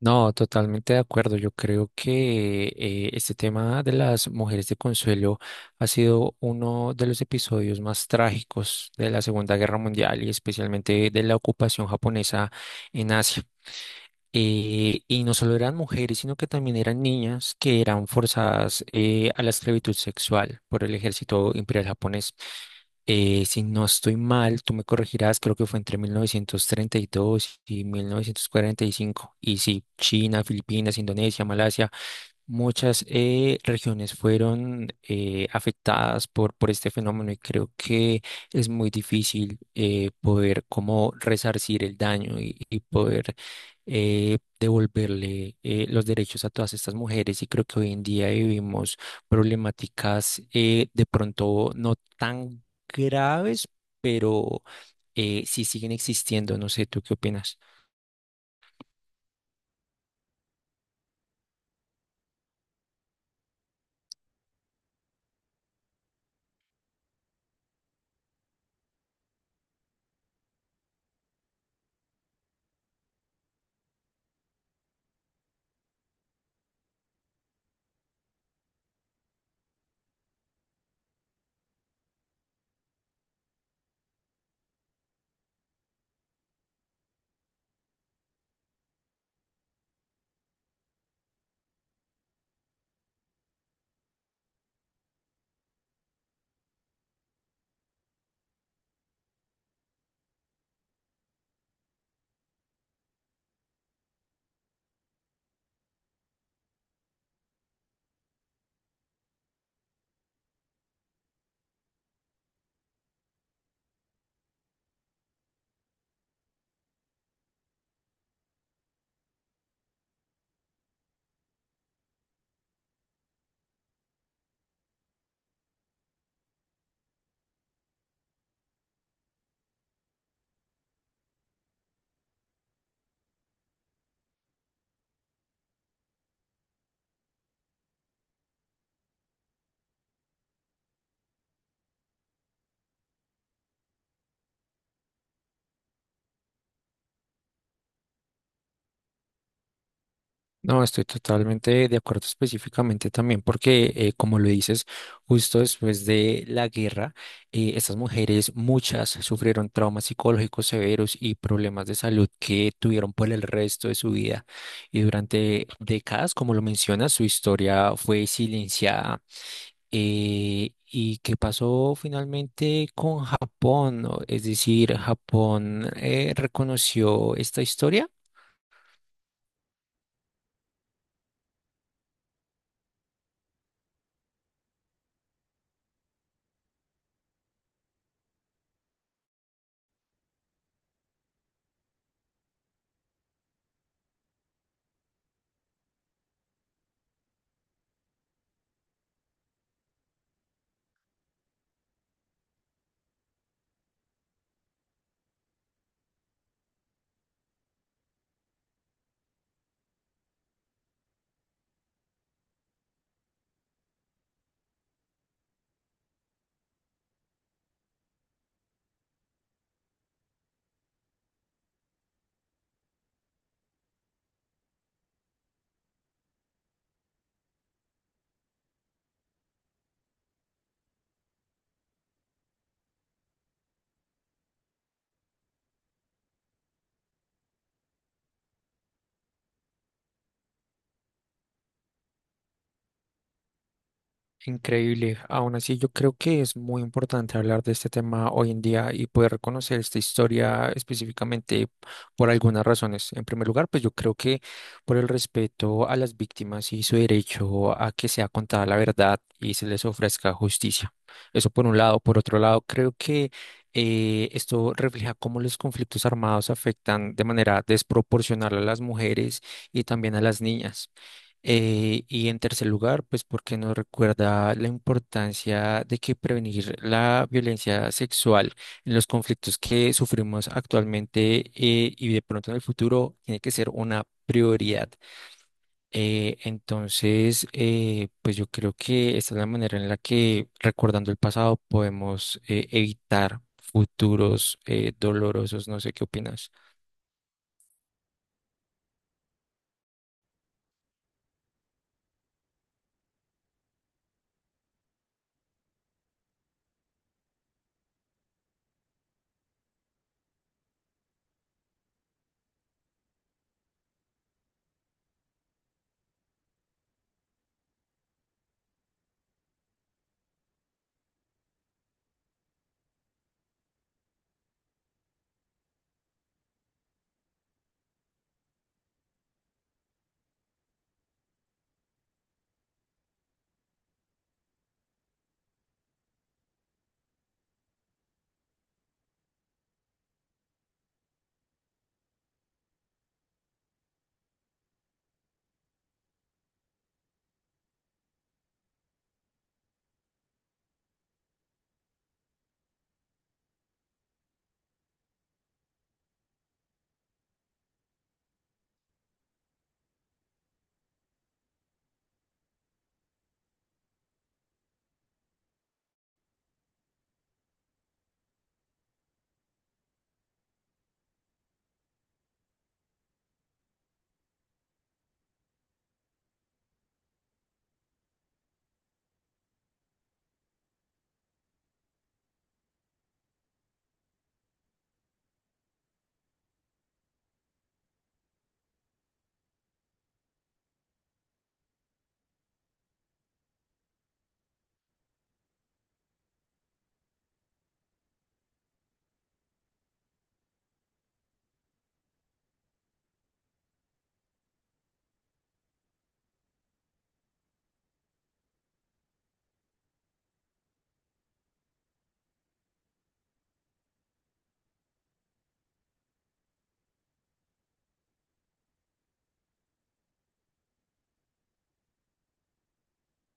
No, totalmente de acuerdo. Yo creo que este tema de las mujeres de consuelo ha sido uno de los episodios más trágicos de la Segunda Guerra Mundial y especialmente de la ocupación japonesa en Asia. Y no solo eran mujeres, sino que también eran niñas que eran forzadas a la esclavitud sexual por el ejército imperial japonés. Si no estoy mal, tú me corregirás, creo que fue entre 1930 y 1945. Y 1945. Y sí, China, Filipinas, Indonesia, Malasia. Muchas regiones fueron afectadas por este fenómeno y creo que es muy difícil poder como resarcir el daño y poder devolverle los derechos a todas estas mujeres, y creo que hoy en día vivimos problemáticas de pronto no tan graves, pero sí siguen existiendo. No sé, ¿tú qué opinas? No, estoy totalmente de acuerdo específicamente también porque, como lo dices, justo después de la guerra, estas mujeres, muchas, sufrieron traumas psicológicos severos y problemas de salud que tuvieron por el resto de su vida. Y durante décadas, como lo mencionas, su historia fue silenciada. ¿Y qué pasó finalmente con Japón? Es decir, Japón reconoció esta historia. Increíble. Aún así, yo creo que es muy importante hablar de este tema hoy en día y poder conocer esta historia específicamente por algunas razones. En primer lugar, pues yo creo que por el respeto a las víctimas y su derecho a que sea contada la verdad y se les ofrezca justicia. Eso por un lado. Por otro lado, creo que esto refleja cómo los conflictos armados afectan de manera desproporcional a las mujeres y también a las niñas. Y en tercer lugar, pues porque nos recuerda la importancia de que prevenir la violencia sexual en los conflictos que sufrimos actualmente y de pronto en el futuro tiene que ser una prioridad. Entonces, pues yo creo que esta es la manera en la que recordando el pasado podemos evitar futuros dolorosos. No sé qué opinas.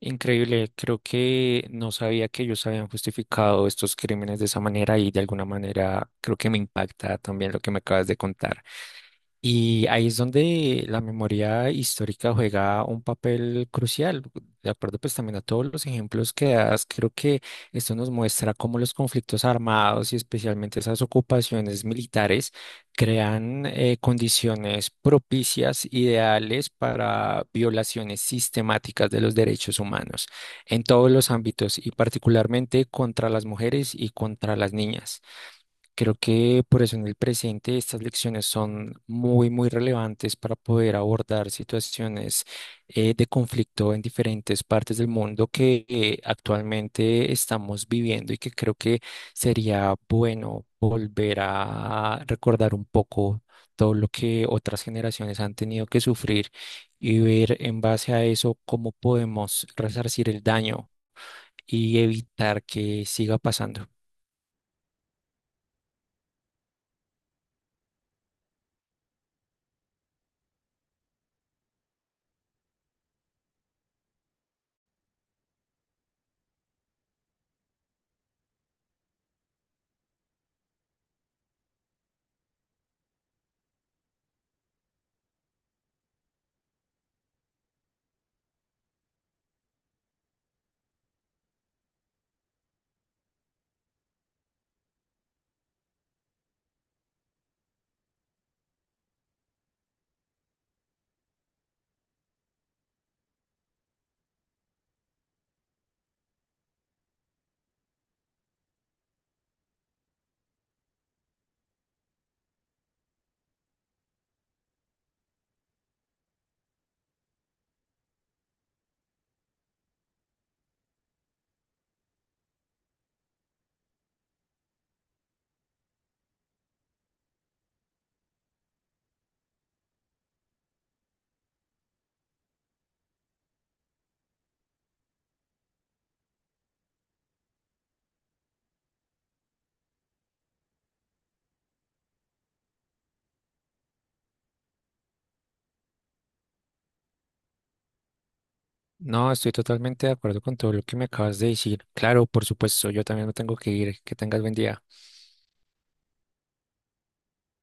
Increíble, creo que no sabía que ellos habían justificado estos crímenes de esa manera, y de alguna manera creo que me impacta también lo que me acabas de contar. Y ahí es donde la memoria histórica juega un papel crucial. De acuerdo, pues también a todos los ejemplos que das, creo que esto nos muestra cómo los conflictos armados y especialmente esas ocupaciones militares crean condiciones propicias, ideales para violaciones sistemáticas de los derechos humanos en todos los ámbitos y particularmente contra las mujeres y contra las niñas. Creo que por eso en el presente estas lecciones son muy, muy relevantes para poder abordar situaciones de conflicto en diferentes partes del mundo que actualmente estamos viviendo, y que creo que sería bueno volver a recordar un poco todo lo que otras generaciones han tenido que sufrir y ver en base a eso cómo podemos resarcir el daño y evitar que siga pasando. No, estoy totalmente de acuerdo con todo lo que me acabas de decir. Claro, por supuesto, yo también me tengo que ir. Que tengas buen día.